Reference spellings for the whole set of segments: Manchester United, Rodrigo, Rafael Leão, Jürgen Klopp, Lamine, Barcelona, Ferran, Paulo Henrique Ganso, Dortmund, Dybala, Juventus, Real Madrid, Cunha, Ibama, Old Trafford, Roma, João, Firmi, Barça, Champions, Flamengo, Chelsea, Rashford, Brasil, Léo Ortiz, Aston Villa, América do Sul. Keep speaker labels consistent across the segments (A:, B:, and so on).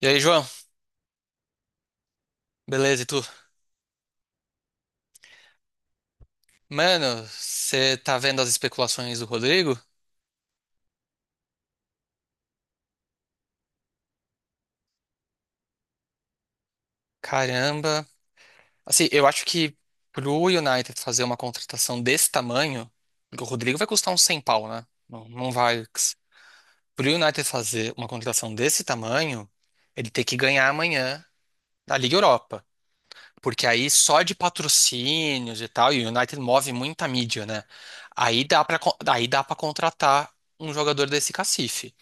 A: E aí, João? Beleza, e tu? Mano, você tá vendo as especulações do Rodrigo? Caramba. Assim, eu acho que pro United fazer uma contratação desse tamanho, o Rodrigo vai custar uns 100 pau, né? Não vai. Pro United fazer uma contratação desse tamanho, ele tem que ganhar amanhã na Liga Europa. Porque aí só de patrocínios e tal, e o United move muita mídia, né? Aí aí dá pra contratar um jogador desse cacife.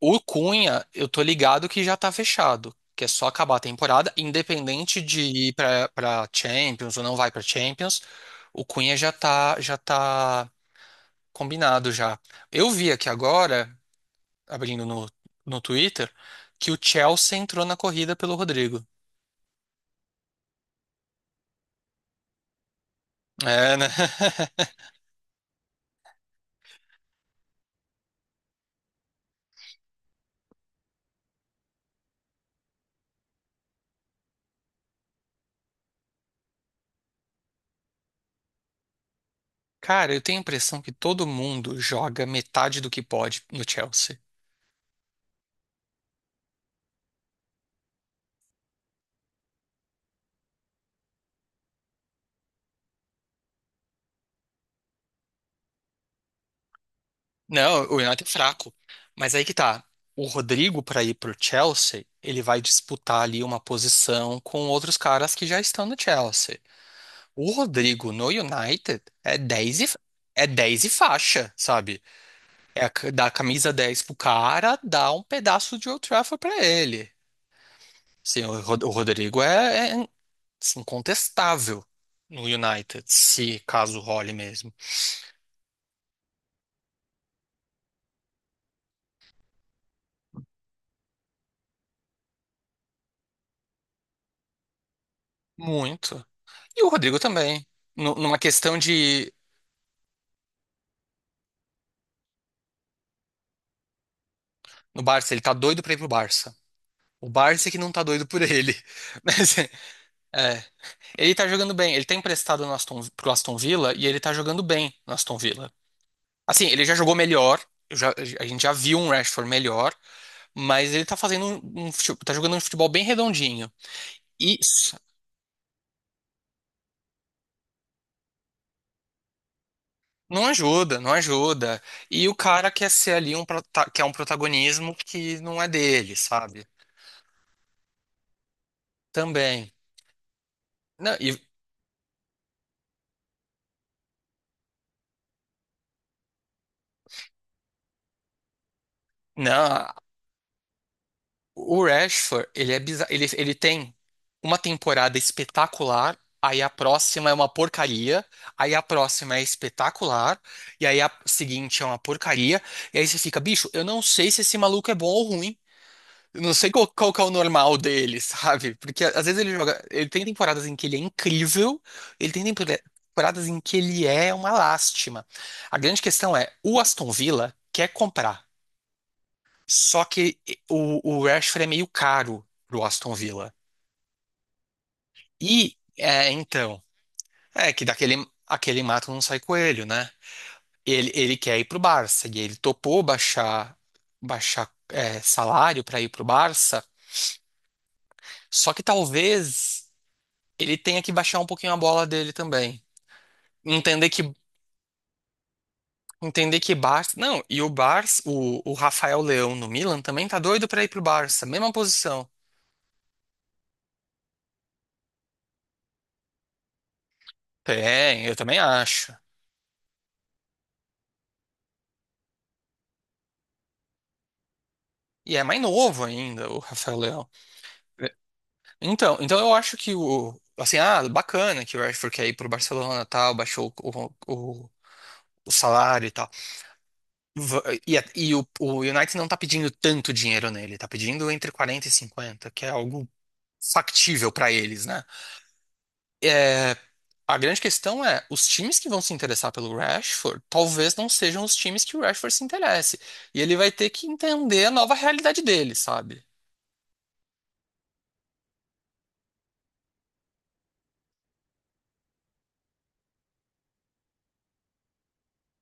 A: O Cunha, eu tô ligado que já tá fechado, que é só acabar a temporada, independente de ir pra Champions ou não vai pra Champions, o Cunha já tá combinado já. Eu vi aqui agora, abrindo no Twitter, que o Chelsea entrou na corrida pelo Rodrigo. É, né? Cara, eu tenho a impressão que todo mundo joga metade do que pode no Chelsea. Não, o United é fraco. Mas aí que tá. O Rodrigo, para ir pro Chelsea, ele vai disputar ali uma posição com outros caras que já estão no Chelsea. O Rodrigo no United é 10 e faixa, sabe? Dar a camisa 10 pro cara, dar um pedaço de Old Trafford pra ele. O Rodrigo é assim, incontestável no United, se caso role mesmo. Muito. E o Rodrigo também. Numa questão de. No Barça, ele tá doido pra ir pro Barça. O Barça é que não tá doido por ele. Mas, é, ele tá jogando bem. Ele tá emprestado no pro Aston Villa e ele tá jogando bem no Aston Villa. Assim, ele já jogou melhor. eu já- a gente já viu um Rashford melhor, mas ele tá fazendo um, um fute- tá jogando um futebol bem redondinho. E s- não ajuda, não ajuda. E o cara quer um protagonismo que não é dele, sabe? Também. Não, e, não, O Rashford, ele é bizarro, ele tem uma temporada espetacular, aí a próxima é uma porcaria, aí a próxima é espetacular, e aí a seguinte é uma porcaria, e aí você fica, bicho, eu não sei se esse maluco é bom ou ruim. Eu não sei qual que é o normal dele, sabe? Porque às vezes ele tem temporadas em que ele é incrível, ele temporadas em que ele é uma lástima. A grande questão é, o Aston Villa quer comprar. Só que o Rashford é meio caro pro Aston Villa. E, é, então, é que daquele aquele mato não sai coelho, né? Ele quer ir pro Barça e ele topou baixar salário para ir pro Barça. Só que talvez ele tenha que baixar um pouquinho a bola dele também. Entender que entender que Barça, não, e o Rafael Leão no Milan também tá doido para ir pro Barça, mesma posição. Tem, eu também acho. E é mais novo ainda, o Rafael Leão. É. Então eu acho que o. Assim, ah, bacana que o Rashford quer ir pro Barcelona tal, baixou o salário e tal. E o United não tá pedindo tanto dinheiro nele, tá pedindo entre 40 e 50, que é algo factível pra eles, né? É, a grande questão é, os times que vão se interessar pelo Rashford talvez não sejam os times que o Rashford se interesse. E ele vai ter que entender a nova realidade dele, sabe?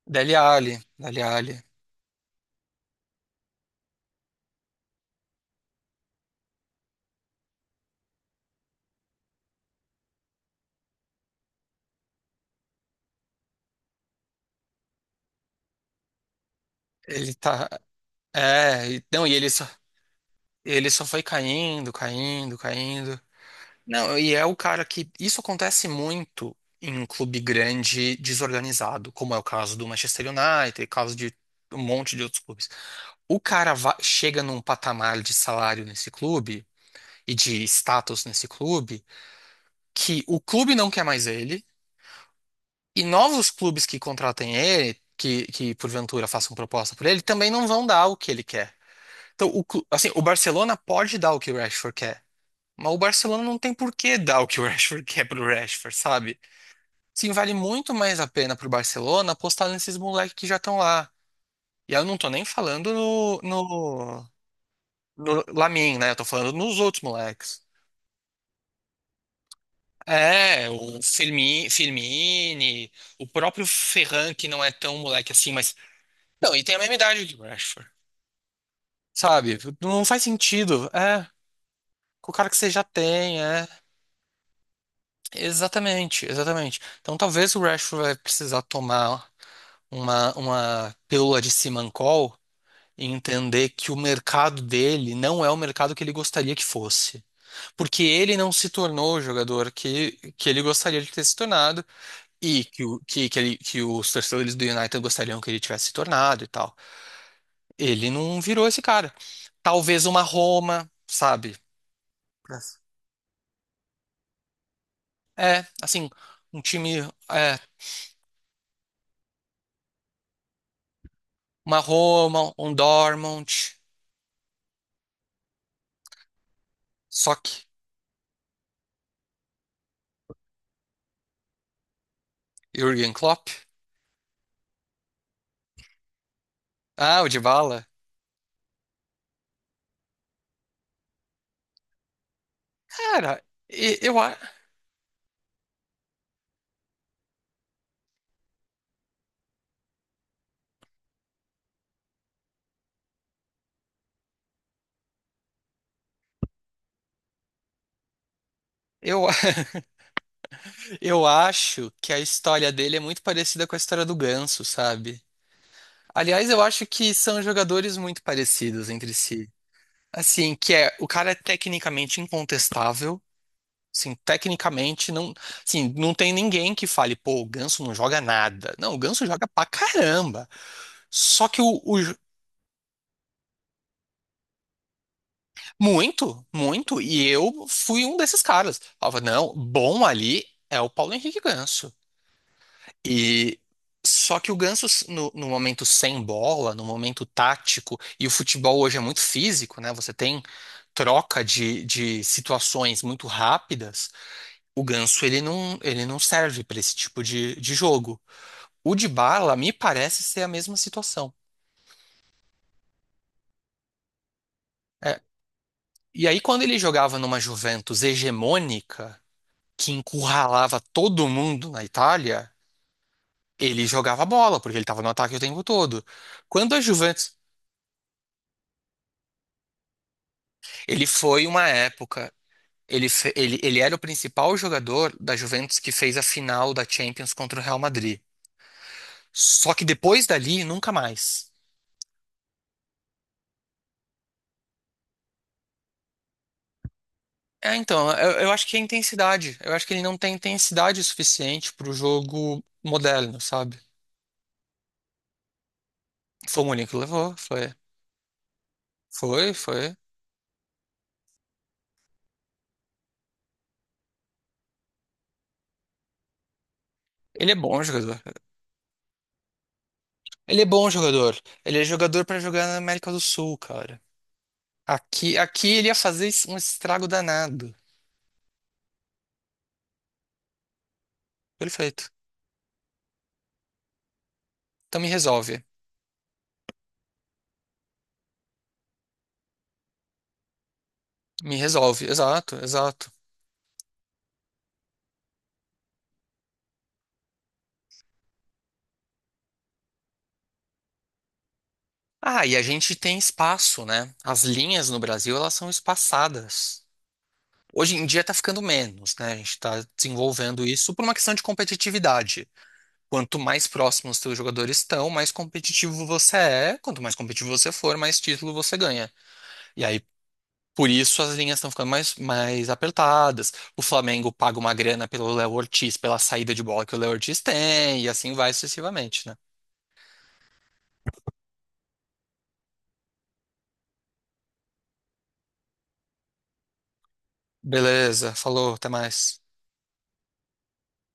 A: Dele Alli, Dele Alli. Ele tá. É, e- não, e ele só foi caindo, caindo, caindo. Não, e é o cara que. Isso acontece muito em um clube grande desorganizado, como é o caso do Manchester United, caso de um monte de outros clubes. Chega num patamar de salário nesse clube e de status nesse clube que o clube não quer mais ele e novos clubes que contratem ele, que porventura façam proposta por ele, também não vão dar o que ele quer. Então, assim, o Barcelona pode dar o que o Rashford quer, mas o Barcelona não tem por que dar o que o Rashford quer pro Rashford, sabe? Sim, vale muito mais a pena pro Barcelona apostar nesses moleques que já estão lá. E aí eu não tô nem falando no Lamine, né? Eu tô falando nos outros moleques. É, o Firmini, o próprio Ferran, que não é tão moleque assim, mas. Não, e tem a mesma idade que o Rashford, sabe? Não faz sentido. É, com o cara que você já tem, é. Exatamente, exatamente. Então talvez o Rashford vai precisar tomar uma pílula de Simancol e entender que o mercado dele não é o mercado que ele gostaria que fosse. Porque ele não se tornou o jogador que ele gostaria de ter se tornado e que, o- que, que, ele- que os torcedores do United gostariam que ele tivesse se tornado e tal. Ele não virou esse cara. Talvez uma Roma, sabe? É, assim, um time, é, uma Roma, um Dortmund. Sock, Jürgen Klopp. Ah, o Dybala. Cara, e- eu, a- eu, eu acho que a história dele é muito parecida com a história do Ganso, sabe? Aliás, eu acho que são jogadores muito parecidos entre si. Assim, que é, o cara é tecnicamente incontestável. Assim, tecnicamente, não, assim, não tem ninguém que fale, pô, o Ganso não joga nada. Não, o Ganso joga pra caramba. Só que o. Muito, muito. E eu fui um desses caras. Falava, não, bom ali é o Paulo Henrique Ganso. E só que o Ganso, no momento sem bola, no momento tático, e o futebol hoje é muito físico, né? Você tem troca de situações muito rápidas. O Ganso, ele não serve para esse tipo de jogo. O Dybala me parece ser a mesma situação. É, e aí, quando ele jogava numa Juventus hegemônica, que encurralava todo mundo na Itália, ele jogava bola, porque ele estava no ataque o tempo todo. Quando a Juventus, ele foi uma época, ele, fe- ele era o principal jogador da Juventus que fez a final da Champions contra o Real Madrid. Só que depois dali, nunca mais. É, então, eu acho que é intensidade. Eu acho que ele não tem intensidade suficiente para o jogo moderno, sabe? Foi o único que levou, foi. Foi, foi. Ele é bom jogador. Ele é bom jogador. Ele é jogador pra jogar na América do Sul, cara. Aqui, aqui ele ia fazer es- um estrago danado. Perfeito. Então me resolve. Me resolve. Exato, exato. Ah, e a gente tem espaço, né? As linhas no Brasil, elas são espaçadas. Hoje em dia tá ficando menos, né? A gente tá desenvolvendo isso por uma questão de competitividade. Quanto mais próximos os teus jogadores estão, mais competitivo você é. Quanto mais competitivo você for, mais título você ganha. E aí. Por isso as linhas estão ficando mais apertadas. O Flamengo paga uma grana pelo Léo Ortiz, pela saída de bola que o Léo Ortiz tem, e assim vai sucessivamente, né? Beleza, falou, até mais.